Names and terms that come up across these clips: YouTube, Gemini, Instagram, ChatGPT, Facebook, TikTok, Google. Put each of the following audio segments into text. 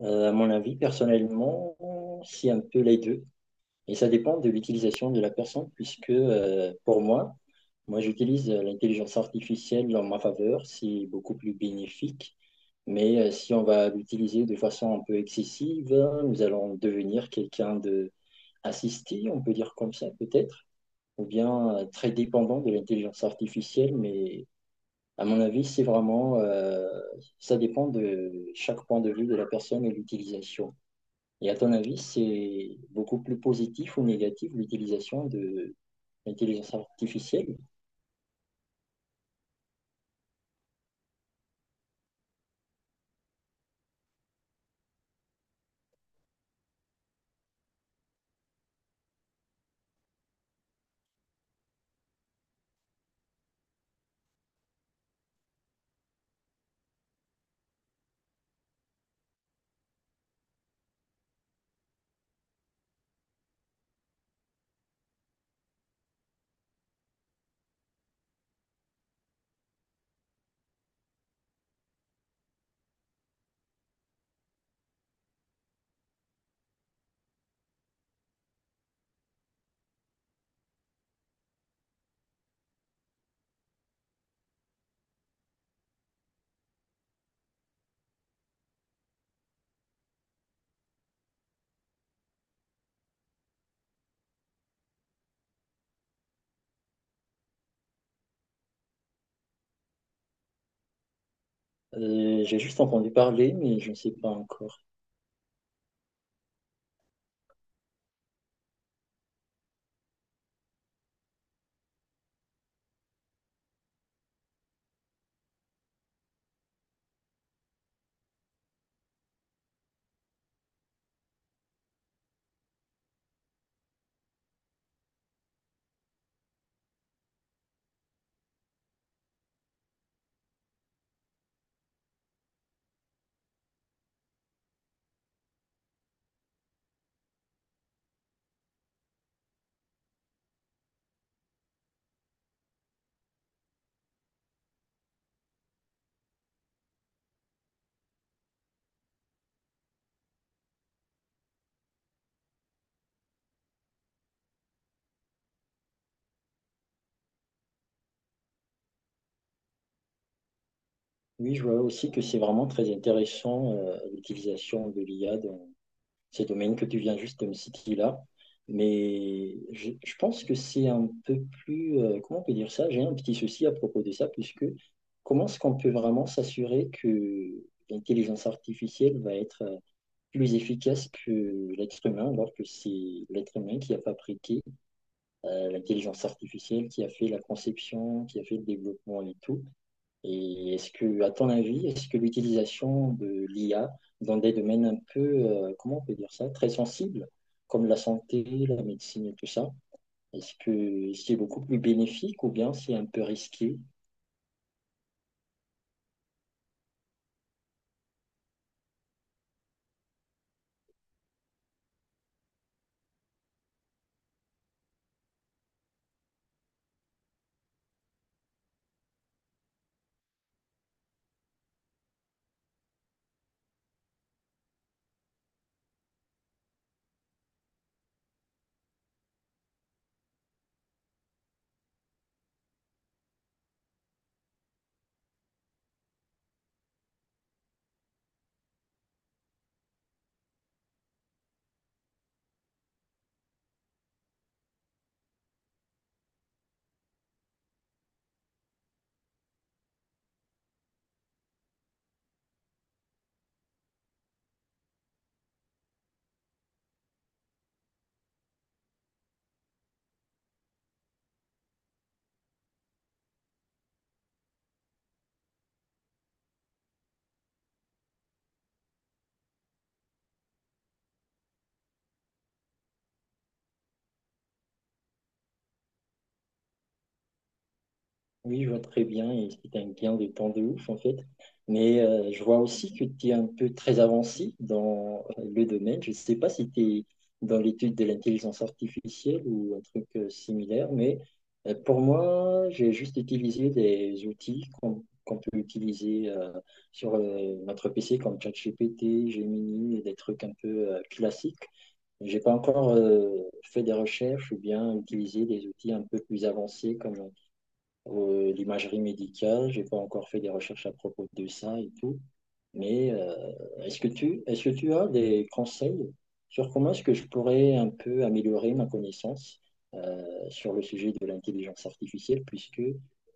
À mon avis, personnellement, c'est un peu les deux. Et ça dépend de l'utilisation de la personne, puisque pour moi, moi j'utilise l'intelligence artificielle en ma faveur, c'est beaucoup plus bénéfique. Mais si on va l'utiliser de façon un peu excessive, nous allons devenir quelqu'un de assisté, on peut dire comme ça peut-être, ou bien très dépendant de l'intelligence artificielle. Mais à mon avis, c'est vraiment, ça dépend de chaque point de vue de la personne et l'utilisation. Et à ton avis, c'est beaucoup plus positif ou négatif l'utilisation de l'intelligence artificielle? J'ai juste entendu parler, mais je ne sais pas encore. Oui, je vois aussi que c'est vraiment très intéressant l'utilisation de l'IA dans ces domaines que tu viens juste de me citer là. Mais je pense que c'est un peu plus, comment on peut dire ça? J'ai un petit souci à propos de ça, puisque comment est-ce qu'on peut vraiment s'assurer que l'intelligence artificielle va être plus efficace que l'être humain, alors que c'est l'être humain qui a fabriqué l'intelligence artificielle, qui a fait la conception, qui a fait le développement et tout. Et est-ce que, à ton avis, est-ce que l'utilisation de l'IA dans des domaines un peu, comment on peut dire ça, très sensibles, comme la santé, la médecine et tout ça, est-ce que c'est beaucoup plus bénéfique ou bien c'est un peu risqué? Oui, je vois très bien, et c'est un gain de temps de ouf en fait. Mais je vois aussi que tu es un peu très avancé dans le domaine. Je ne sais pas si tu es dans l'étude de l'intelligence artificielle ou un truc similaire, mais pour moi, j'ai juste utilisé des outils qu'on peut utiliser sur notre PC comme ChatGPT, Gemini, et des trucs un peu classiques. J'ai pas encore fait des recherches ou bien utilisé des outils un peu plus avancés comme l'imagerie médicale. J'ai pas encore fait des recherches à propos de ça et tout. Mais est-ce que est-ce que tu as des conseils sur comment est-ce que je pourrais un peu améliorer ma connaissance sur le sujet de l'intelligence artificielle, puisque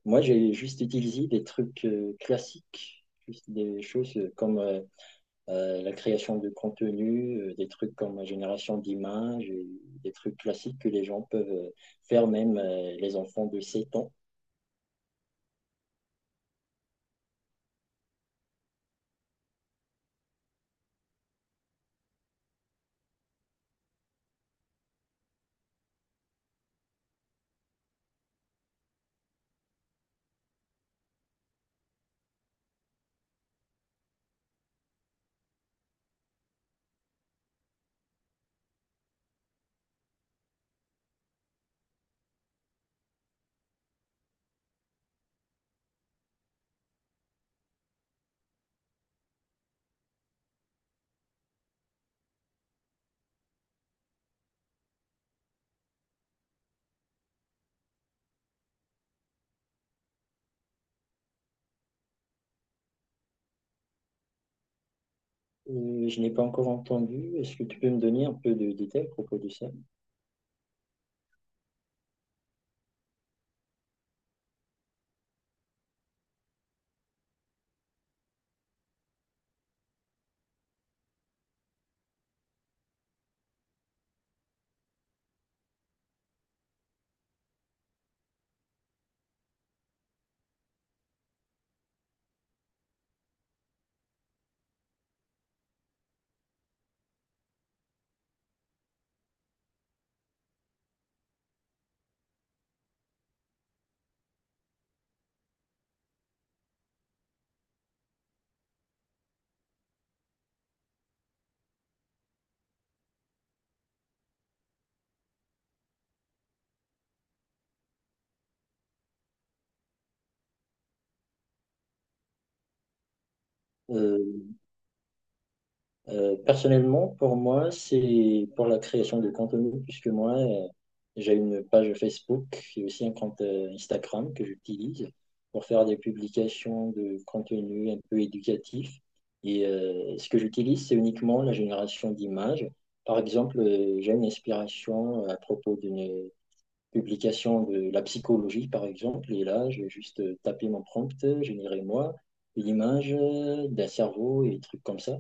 moi j'ai juste utilisé des trucs classiques, juste des choses comme la création de contenu, des trucs comme la génération d'images, et des trucs classiques que les gens peuvent faire, même les enfants de 7 ans. Je n'ai pas encore entendu. Est-ce que tu peux me donner un peu de détails à propos de ça? Euh, personnellement, pour moi, c'est pour la création de contenu, puisque moi, j'ai une page Facebook et aussi un compte Instagram que j'utilise pour faire des publications de contenu un peu éducatif. Et ce que j'utilise, c'est uniquement la génération d'images. Par exemple, j'ai une inspiration à propos d'une publication de la psychologie, par exemple, et là, je vais juste taper mon prompt, générer moi l'image d'un cerveau et des trucs comme ça.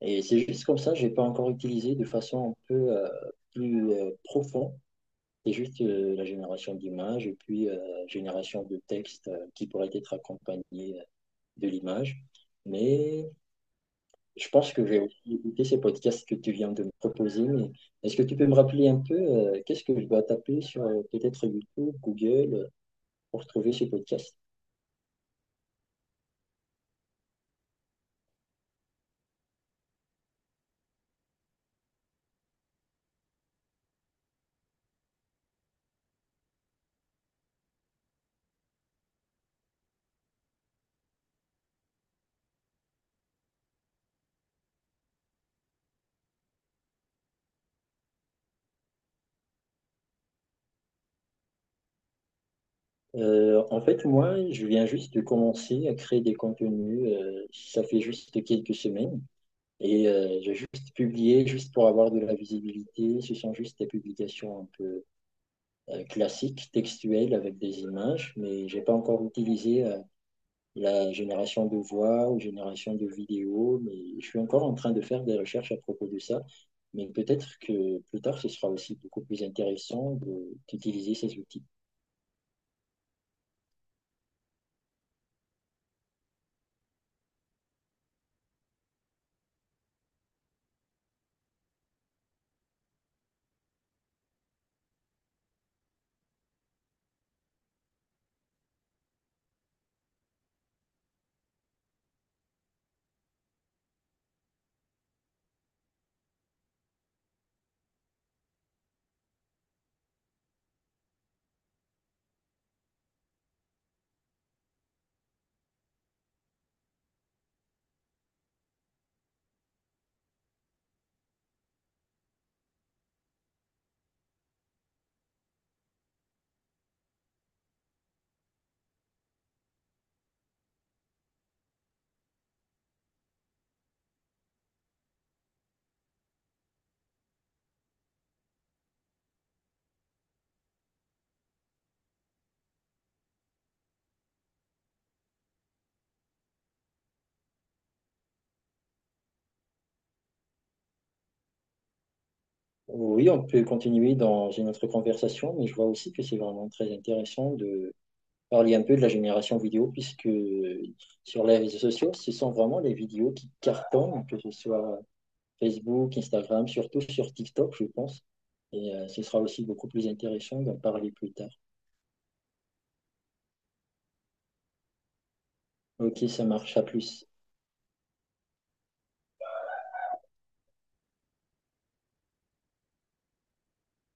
Et c'est juste comme ça, j'ai pas encore utilisé de façon un peu plus profonde. C'est juste la génération d'images et puis génération de textes qui pourraient être accompagnés de l'image. Mais je pense que je vais aussi écouter ces podcasts que tu viens de me proposer, mais est-ce que tu peux me rappeler un peu qu'est-ce que je dois taper sur peut-être YouTube, Google, pour trouver ces podcasts? En fait, moi, je viens juste de commencer à créer des contenus. Ça fait juste quelques semaines. Et j'ai juste publié, juste pour avoir de la visibilité. Ce sont juste des publications un peu classiques, textuelles, avec des images, mais j'ai pas encore utilisé la génération de voix ou génération de vidéos, mais je suis encore en train de faire des recherches à propos de ça. Mais peut-être que plus tard, ce sera aussi beaucoup plus intéressant de- d'utiliser ces outils. Oui, on peut continuer dans une autre conversation, mais je vois aussi que c'est vraiment très intéressant de parler un peu de la génération vidéo, puisque sur les réseaux sociaux, ce sont vraiment les vidéos qui cartonnent, que ce soit Facebook, Instagram, surtout sur TikTok, je pense. Et ce sera aussi beaucoup plus intéressant d'en parler plus tard. Ok, ça marche, à plus.